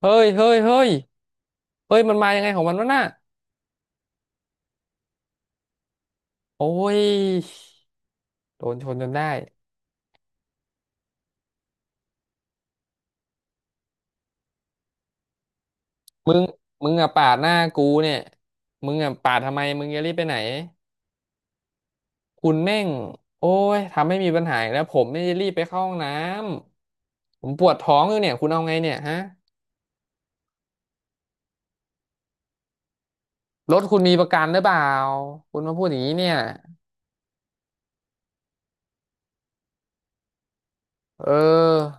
เฮ้ยเฮ้ยเฮ้ย เฮ้ยมันมายังไงของมันวะน่ะโอ้ยโดนชนจนได้มึงมึงอะปาดหน้ากูเนี่ยมึงอะปาดทำไมมึงจะรีบไปไหนคุณแม่งโอ้ยทำให้มีปัญหาอีกแล้วผมไม่ได้รีบไปเข้าห้องน้ำผมปวดท้องอยู่เนี่ยคุณเอาไงเนี่ยฮะรถคุณมีประกันหรือเปล่าคุณมาพูดอย่างนี้เนี่ยเออ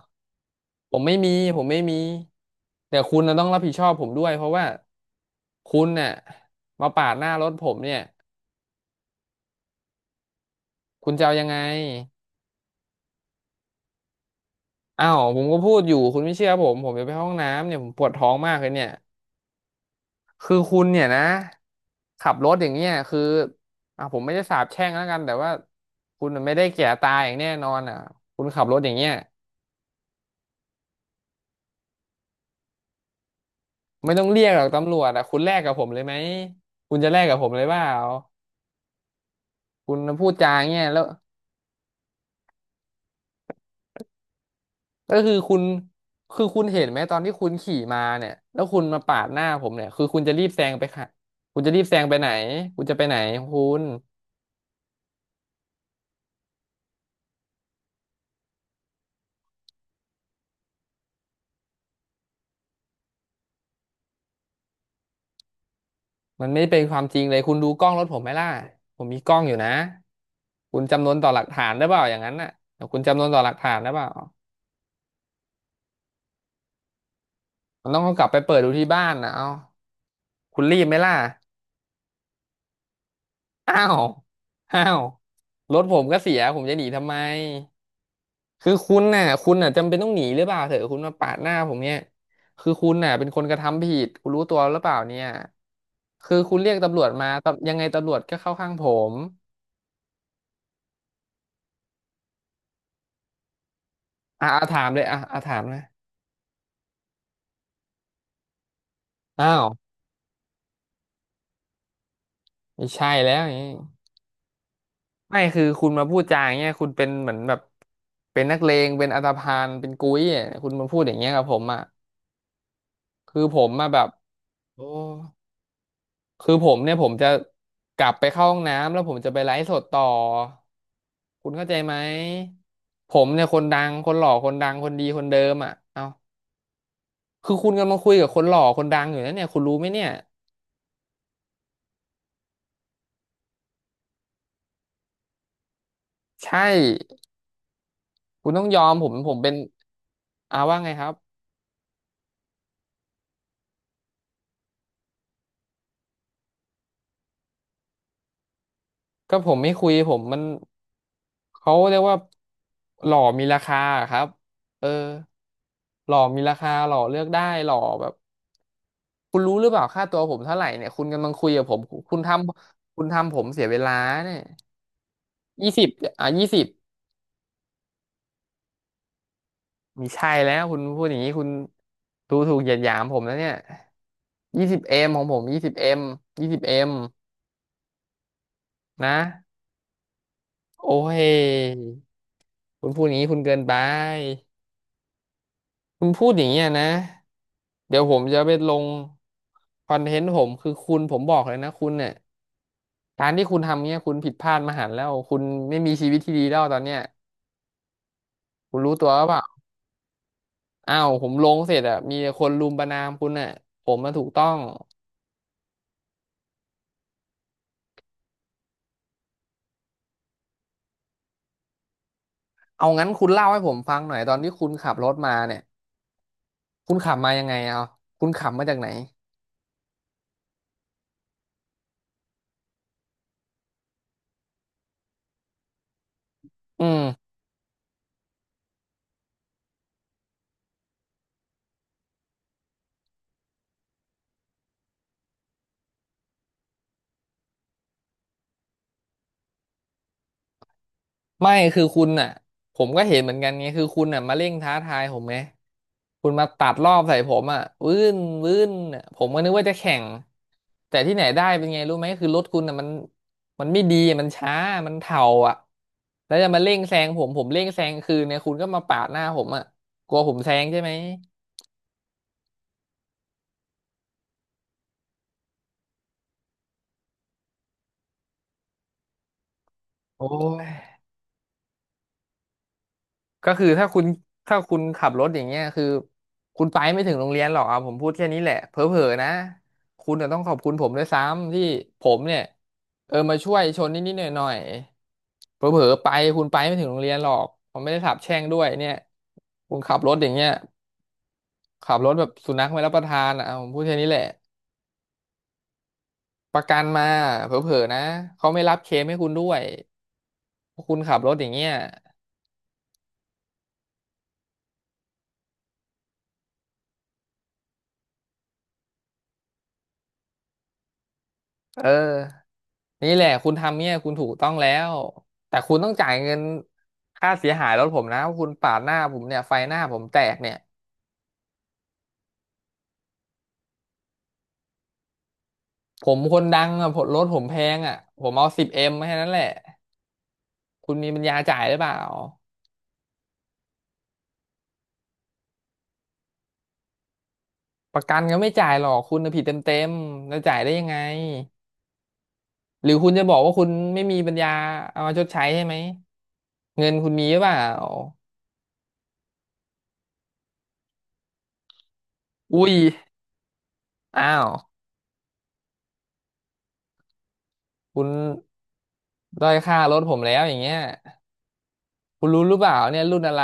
ผมไม่มีผมไม่มีแต่คุณน่ะต้องรับผิดชอบผมด้วยเพราะว่าคุณน่ะมาปาดหน้ารถผมเนี่ย คุณจะเอายังไงอ้าวผมก็พูดอยู่คุณไม่เชื่อผมผมจะไปห้องน้ำเนี่ยผมปวดท้องมากเลยเนี่ยคือคุณเนี่ยนะขับรถอย่างเงี้ยคืออ่ะผมไม่ได้สาปแช่งแล้วกันแต่ว่าคุณน่ะไม่ได้แก่ตายอย่างแน่นอนอ่ะคุณขับรถอย่างเงี้ยไม่ต้องเรียกหรอกตำรวจอ่ะคุณแลกกับผมเลยไหมคุณจะแลกกับผมเลยเปล่าคุณพูดจาอย่างเงี้ยแล้วก็คือคุณคือคุณเห็นไหมตอนที่คุณขี่มาเนี่ยแล้วคุณมาปาดหน้าผมเนี่ยคือคุณจะรีบแซงไปค่ะคุณจะรีบแซงไปไหนคุณจะไปไหนของคุณ มันไม่เป็นความจริงเลยคุณดูกล้องรถผมไหมล่ะผมมีกล้องอยู่นะคุณจำนวนต่อหลักฐานได้เปล่าอย่างนั้นน่ะเดี๋ยวคุณจำนวนต่อหลักฐานได้เปล่ามันต้องเอากลับไปเปิดดูที่บ้านนะเอาคุณรีบไหมล่ะอ้าวอ้าวรถผมก็เสียผมจะหนีทำไมคือคุณน่ะจำเป็นต้องหนีหรือเปล่าเถอะคุณมาปาดหน้าผมเนี่ยคือคุณน่ะเป็นคนกระทำผิดคุณรู้ตัวหรือเปล่าเนี่ยคือคุณเรียกตำรวจมาตำยังไงตำรวจก็เข้าข้างผมอ่ะอ่ะถามเลยอ่ะอ่ะถามนะอ้าว ไม่ใช่แล้วอย่างงี้ไม่คือคุณมาพูดจาอย่างเงี้ยคุณเป็นเหมือนแบบเป็นนักเลงเป็นอันธพาลเป็นกุ้ยอะคุณมาพูดอย่างเงี้ยกับผมอ่ะคือผมมาแบบโอ้คือผมเนี่ยผมจะกลับไปเข้าห้องน้ำแล้วผมจะไปไลฟ์สดต่อคุณเข้าใจไหมผมเนี่ยคนดังคนหล่อคนดังคนดีคนเดิมอ่ะเอ้าคือคุณกำลังคุยกับคนหล่อคนดังอยู่นะเนี่ยคุณรู้ไหมเนี่ยใช่คุณต้องยอมผมผมเป็นอาว่าไงครับ ก็ผมไม่คุยผมมันเขาเรียกว่าหล่อมีราคาอะครับเออหล่อมีราคาหล่อเลือกได้หล่อแบบคุณรู้หรือเปล่าค่าตัวผมเท่าไหร่เนี่ยคุณกำลังคุยกับผมคุณทคุณทำผมเสียเวลาเนี่ยยี่สิบอ่ะยี่สิบมีใช่แล้วคุณพูดอย่างนี้คุณดูถูกเหยียดหยามผมแล้วเนี่ยยี่สิบเอ็มของผมยี่สิบเอ็มยี่สิบเอ็มนะโอ้ยคุณพูดอย่างนี้คุณเกินไป คุณพูดอย่างเงี้ยนะ เดี๋ยวผมจะไปลงคอนเทนต์ผมคือคุณผมบอกเลยนะคุณเนี่ยการที่คุณทำเงี้ยคุณผิดพลาดมหันต์แล้วคุณไม่มีชีวิตที่ดีแล้วตอนเนี้ยคุณรู้ตัวหรือเปล่าอ้าวผมลงเสร็จอะมีแต่คนรุมประณามคุณน่ะผมมาถูกต้องเอางั้นคุณเล่าให้ผมฟังหน่อยตอนที่คุณขับรถมาเนี่ยคุณขับมายังไงเอาคุณขับมาจากไหนอืม ไม่คือคุณอ่ะผมก็เห็นเหมือนกันไงคือคุณอ่ะมาเร่งท้าทายผมไงคุณมาตัดรอบใส่ผมอ่ะวื้นวื้นอะผมก็นึกว่าจะแข่งแต่ที่ไหนได้เป็นไงรู้ไหมคือรถคุณอ่ะมันไม่ดีมันช้ามันเถ่าอ่ะแล้วจะมาเร่งแซงผมผมเร่งแซงคืนเนี่ยคุณก็มาปาดหน้าผมอ่ะกลัวผมแซงใช่ไหมโอ้ย ก็คือถ้าคุณขับรถอย่างเงี้ยคือคุณไปไม่ถึงโรงเรียนหรอกเอาผมพูดแค่นี้แหละเผลอๆนะคุณจะต้องขอบคุณผมด้วยซ้ำที่ผมเนี่ยเออมาช่วยชนนิดๆหน่อยๆเผลอๆไปคุณไปไม่ถึงโรงเรียนหรอกผมไม่ได้สาปแช่งด้วยเนี่ยคุณขับรถอย่างเงี้ยขับรถแบบสุนัขไม่รับประทานอ่ะเอาผมพูดแค่นี้แหละประกันมาเผลอๆนะเขาไม่รับเคลมให้คุณด้วยเพราะคุณขับรถอย่างเงี้ย เออนี่แหละคุณทำเนี่ยคุณถูกต้องแล้วแต่คุณต้องจ่ายเงินค่าเสียหายรถผมนะว่าคุณปาดหน้าผมเนี่ยไฟหน้าผมแตกเนี่ยผมคนดังอะผมรถผมแพงอะผมเอาสิบเอ็มแค่นั้นแหละคุณมีปัญญาจ่ายหรือเปล่าประกันก็ไม่จ่ายหรอกคุณน่ะผิดเต็มๆแล้วจ่ายได้ยังไงหรือคุณจะบอกว่าคุณไม่มีปัญญาเอามาชดใช้ใช่ไหมเงินคุณมีหรือเปล่าอุ้ยอ้าวคุณด้อยค่ารถผมแล้วอย่างเงี้ย คุณรู้หรือเปล่าเนี่ยรุ่นอะไร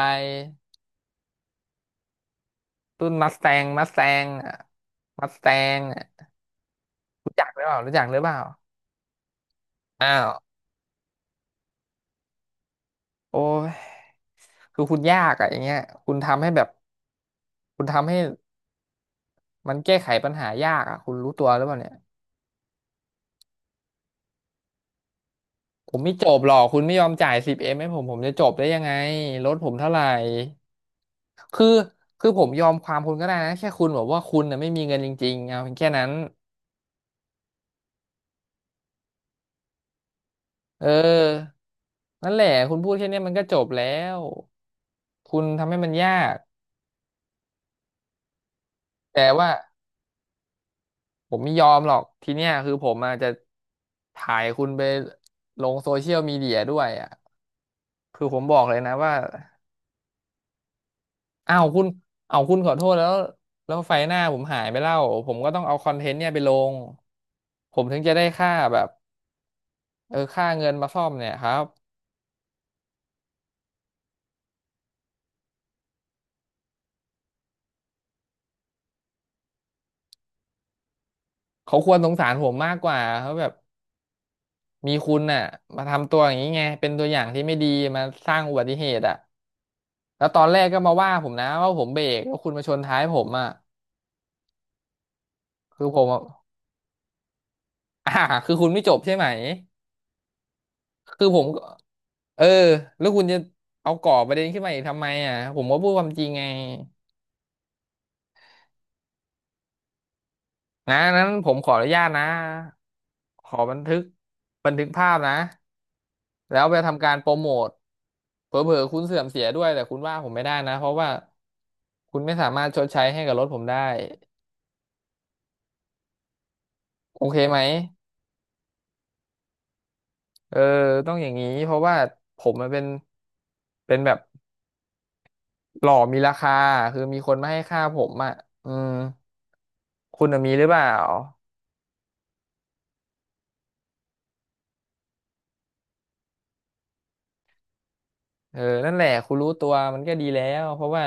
รุ่นมัสแตงมัสแตงอ่ะมัสแตงอ่ะรู้จักหรือเปล่ารู้จักหรือเปล่าอ้าวโอ้ยคือคุณยากอ่ะอย่างเงี้ยคุณทำให้แบบคุณทำให้มันแก้ไขปัญหายากอ่ะคุณรู้ตัวหรือเปล่าเนี่ยผมไม่จบหรอกคุณไม่ยอมจ่ายสิบเอ็มให้ผมผมจะจบได้ยังไงรถผมเท่าไหร่คือคือผมยอมความคุณก็ได้นะแค่คุณบอกว่าคุณน่ะไม่มีเงินจริงๆเอาเพียงแค่นั้นเออนั่นแหละคุณพูดแค่เนี้ยมันก็จบแล้ว คุณทำให้มันยากแต่ว่าผมไม่ยอมหรอกทีเนี้ยคือผมอาจจะถ่ายคุณไปลงโซเชียลมีเดียด้วยอ่ะคือผมบอกเลยนะว่าอ้าวคุณเอาวคุณขอโทษแล้วแล้วไฟหน้าผมหายไปแล้วผมก็ต้องเอาคอนเทนต์เนี่ยไปลงผมถึงจะได้ค่าแบบเออค่าเงินมาซ่อมเนี่ยครับเขาควรสงสารผมมากกว่าเขาแบบมีคุณน่ะมาทำตัวอย่างนี้ไงเป็นตัวอย่างที่ไม่ดีมาสร้างอุบัติเหตุอ่ะ แล้วตอนแรกก็มาว่าผมนะว่าผมเบรกแล้วาคุณมาชนท้ายผมอ่ะคือผมอะ อ่าคือคุณไม่จบใช่ไหมคือผมก็เออแล้วคุณจะเอาก่อประเด็นขึ้นมาอีกทำไมอ่ะผมก็พูดความจริงไงนะนั้นผมขออนุญาตนะขอบันทึกบันทึกภาพนะแล้วไปทำการโปรโมทเผลอๆคุณเสื่อมเสียด้วยแต่คุณว่าผมไม่ได้นะเพราะว่าคุณไม่สามารถชดใช้ให้กับรถผมได้โอเคไหม เออต้องอย่างนี้เพราะว่าผมมันเป็นแบบหล่อมีราคาคือมีคนมาให้ค่าผมอ่ะอืมคุณน่ะมีหรือเปล่าเออนั่นแหละคุณรู้ตัวมันก็ดีแล้วเพราะว่า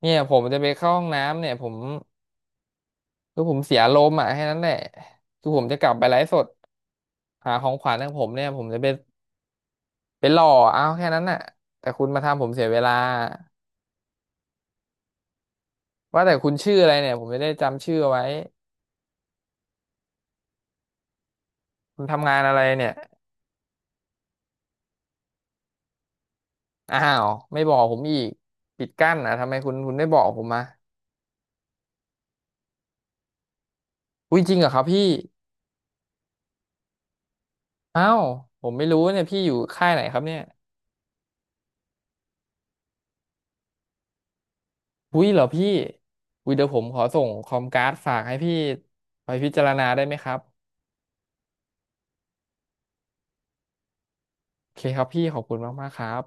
เนี่ยผมจะไปเข้าห้องน้ำเนี่ยผมคือผมเสียลมณ์อ่ะแค่นั้นแหละคือผมจะกลับไปไลฟ์สดหาของขวัญของผมเนี่ยผมจะไปไปหล่อเอาแค่นั้นน่ะแต่คุณมาทำผมเสียเวลาว่าแต่คุณชื่ออะไรเนี่ยผมจะได้จำชื่อเอาไว้คุณทำงานอะไรเนี่ย อ้าวไม่บอกผมอีกปิดกั้นอ่ะทำไมคุณคุณไม่บอกผมมาอุ้ยจริงเหรอครับพี่อ้าวผมไม่รู้เนี่ยพี่อยู่ค่ายไหนครับเนี่ยอุ้ยเหรอพี่อุ้ยเดี๋ยวผมขอส่งคอมการ์ดฝากให้พี่ไปพิจารณาได้ไหมครับโอเคครับพี่ขอบคุณมากๆครับ